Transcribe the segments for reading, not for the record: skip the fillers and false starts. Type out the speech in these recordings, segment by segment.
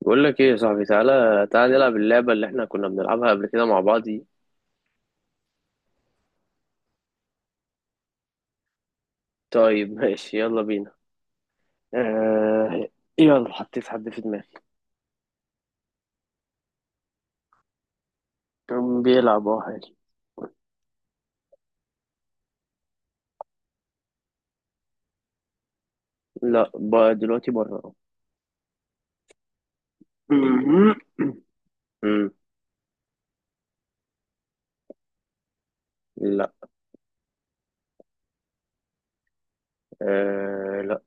بقول لك ايه يا صاحبي، تعالى نلعب اللعبة اللي احنا كنا بنلعبها قبل كده مع بعض دي. طيب ماشي يلا بينا. آه. يلا حطيت حد في دماغي. كان بيلعب، اه، حالي. لا، بقى دلوقتي بره. مهم. امم لا. آه لا.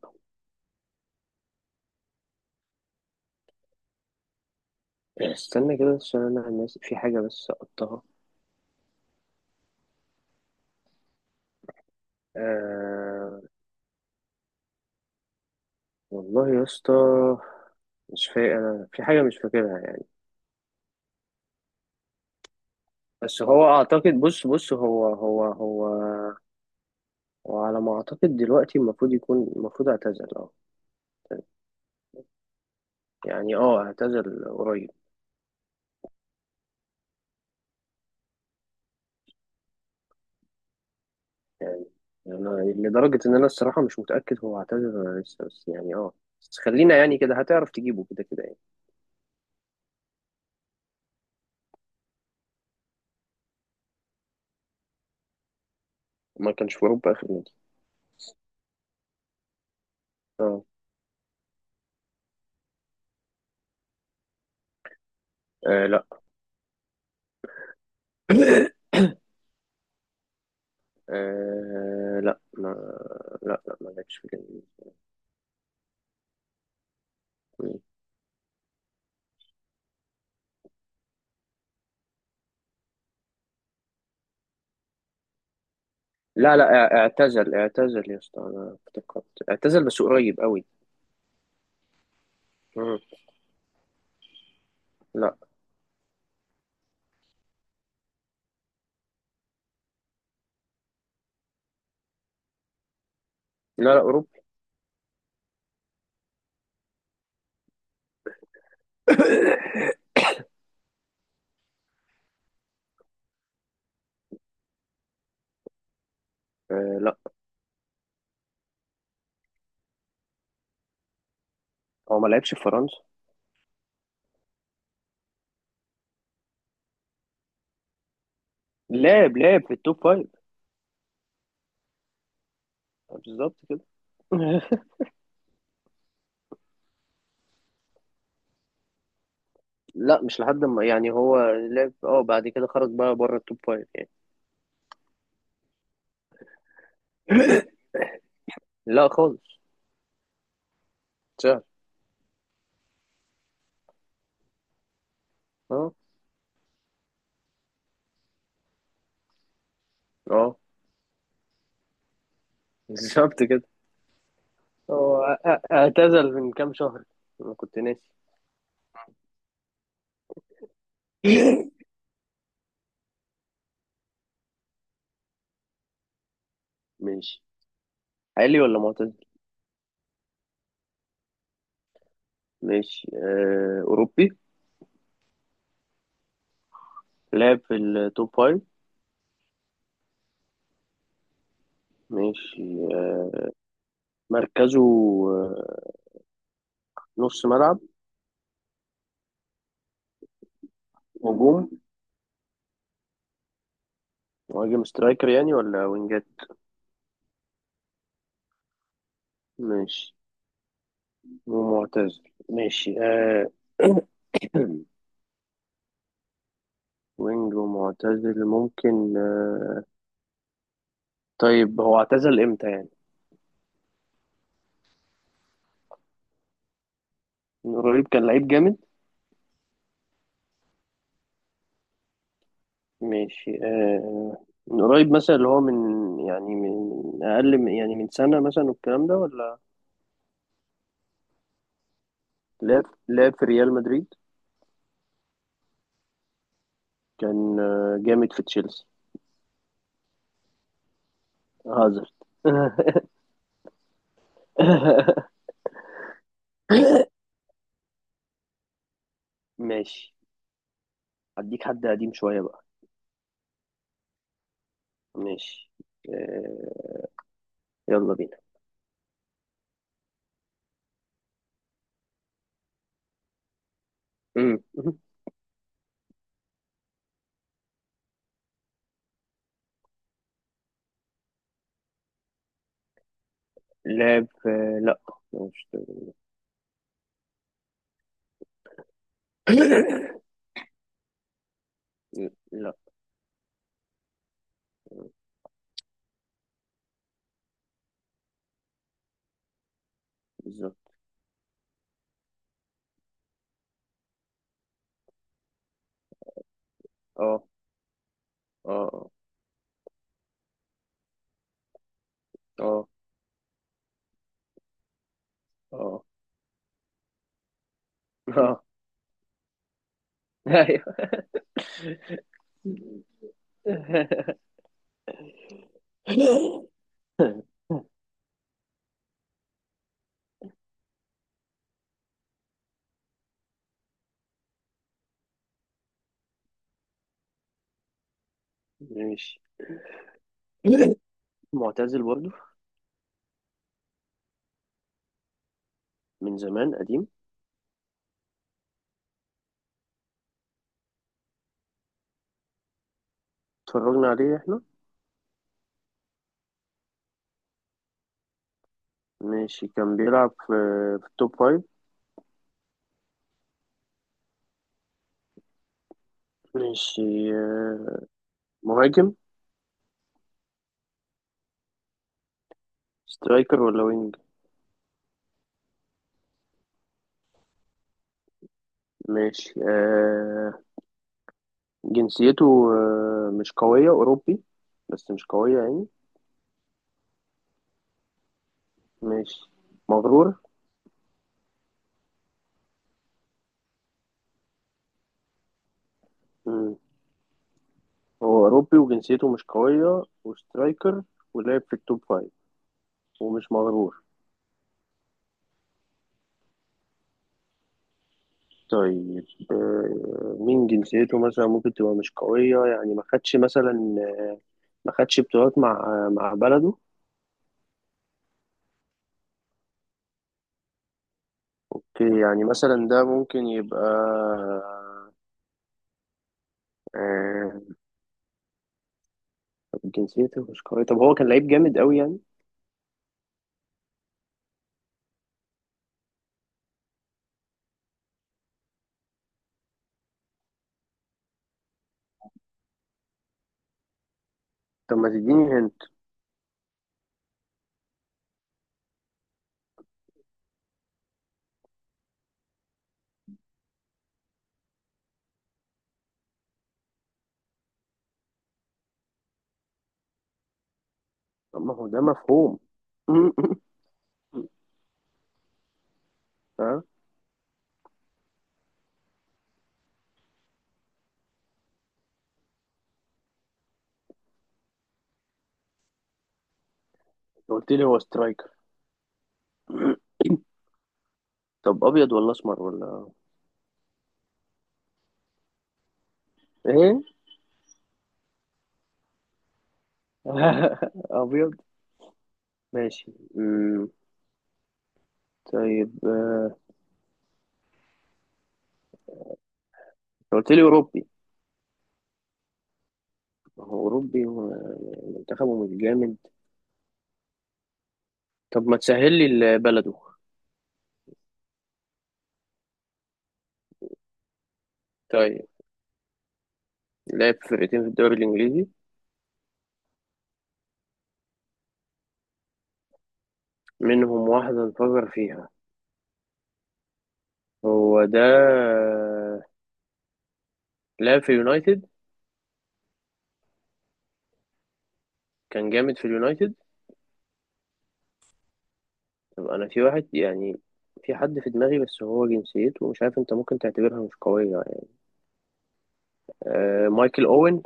استنى كده عشان انا ناسي في حاجة بس سقطتها. آه والله يا اسطى، مش فاكر انا في حاجة مش فاكرها يعني. بس هو اعتقد، بص بص، هو وعلى ما اعتقد دلوقتي المفروض يكون، المفروض اعتزل اه. يعني اه اعتزل قريب. انا لدرجة ان انا الصراحة مش متأكد هو اعتزل ولا لسه، بس يعني اه، بس خلينا يعني كده هتعرف تجيبه كده كده يعني. ما كانش في اوروبا اخر نادي. اه. آه، لا. آه لا ما لا ما لعبش في الجنوب. لا لا، اعتزل، اعتزل يا اسطى، انا افتكرت. اعتزل بس قريب قوي. مم. لا. لا اوروبي. آه لا، هو ما لعبش في فرنسا. لعب في التوب فايف. بالظبط كده. لا مش لحد ما، يعني هو لعب اه بعد كده خرج بقى بره التوب فايف. لا خالص، سهل. اه اه. بالظبط كده. هو اعتزل من كام شهر، انا كنت ناسي. ماشي. حالي ولا معتزل. ماشي آه، اوروبي. لعب في التوب فايف. ماشي آه، مركزه آه، نص ملعب. هجوم. مهاجم سترايكر يعني ولا وينجات. ماشي. ومعتزل. ماشي آه. وينج ومعتزل ممكن آه. طيب هو اعتزل امتى يعني؟ من قريب، كان لعيب جامد. ماشي آه، آه، من قريب مثلا، اللي هو من، يعني من، من اقل من يعني من سنة مثلا والكلام ده ولا؟ لعب، لعب في ريال مدريد. كان آه، جامد في تشيلسي. هازارد. ماشي. هديك حد قديم شوية بقى. ماشي آه، يلا بينا. مم. لا، مش. لا. بالظبط. اه اه آه. اه اه. اه. ايوه. ماشي. معتزل برضه، من زمان قديم. اتفرجنا عليه احنا. ماشي، كان بيلعب في، في التوب فايف. ماشي آه، مهاجم. سترايكر ولا وينج. ماشي آه، جنسيته آه، مش قوية، أوروبي بس مش قوية يعني. ماشي. مغرور. مم. هو أوروبي وجنسيته مش قوية وسترايكر ولعب في التوب فايف ومش مغرور. طيب آه، مين جنسيته مثلا ممكن تبقى مش قوية يعني، ما خدش مثلا آه، ما خدش بطولات مع آه، مع بلده. اوكي، يعني مثلا ده ممكن يبقى آه. طب جنسيته مش قوية، طب هو كان لعيب جامد قوي يعني. طب ما تديني هنت. طب ما هو ده مفهوم. ها. قلت لي هو سترايكر. طب ابيض ولا اسمر ولا؟ ايه؟ ابيض. ماشي أمم. طيب آه، قلت لي اوروبي. ما هو أوروبي ومنتخبه مش جامد. طب ما تسهل لي بلده. طيب. لعب في فرقتين في الدوري الإنجليزي. منهم واحدة انفجر فيها. هو ده. لعب في اليونايتد. كان جامد في اليونايتد. طب أنا في واحد يعني، في حد في دماغي بس هو جنسيته مش عارف أنت ممكن تعتبرها مش قوية يعني. آه مايكل أوين.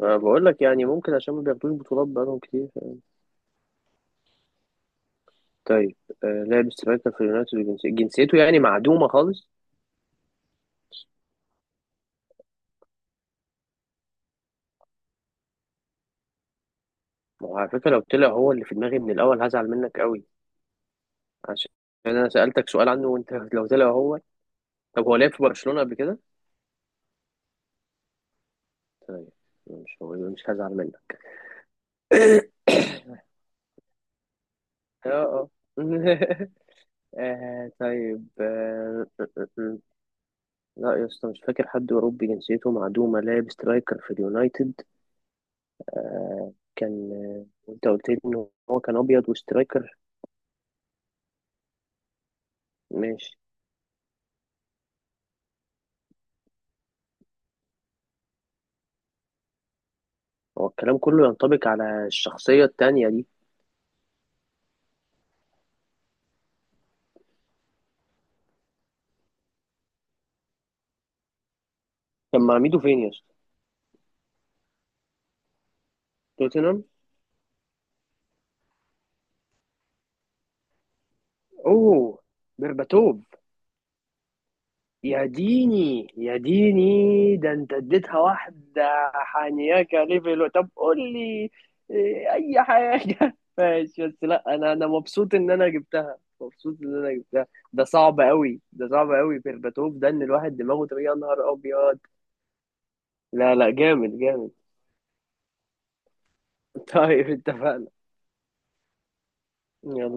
أنا بقول لك يعني ممكن عشان ما بياخدوش بطولات بقالهم كتير. طيب آه، لعب سترايكر في اليونايتد جنسيته يعني معدومة خالص. ما هو على فكرة لو طلع هو اللي في دماغي من الأول هزعل منك قوي. عشان أنا سألتك سؤال عنه وأنت لو طلع هو. طب هو لعب في برشلونة قبل كده؟ طيب. مش هو، مش هزعل منك. اه اه. آه، طيب آه، آه، آه، آه. لا يا اسطى مش فاكر حد أوروبي جنسيته معدومة لعب سترايكر في اليونايتد. آه، كان آه، وأنت قلت لي إن هو كان أبيض وسترايكر. ماشي. هو الكلام كله ينطبق على الشخصية التانية دي. طب ما عميده فين يا اسطى؟ توتنهام. اوه. برباتوف. يا ديني يا ديني، ده انت اديتها واحدة. حانياكا ليفل. طب قول لي إيه، اي حاجة. ماشي. بس لا، انا مبسوط ان انا جبتها، مبسوط ان انا جبتها. ده صعب قوي، بيرباتوف ده، ان الواحد دماغه تبقى يا نهار ابيض. لا لا، جامد جامد. طيب اتفقنا. يلا.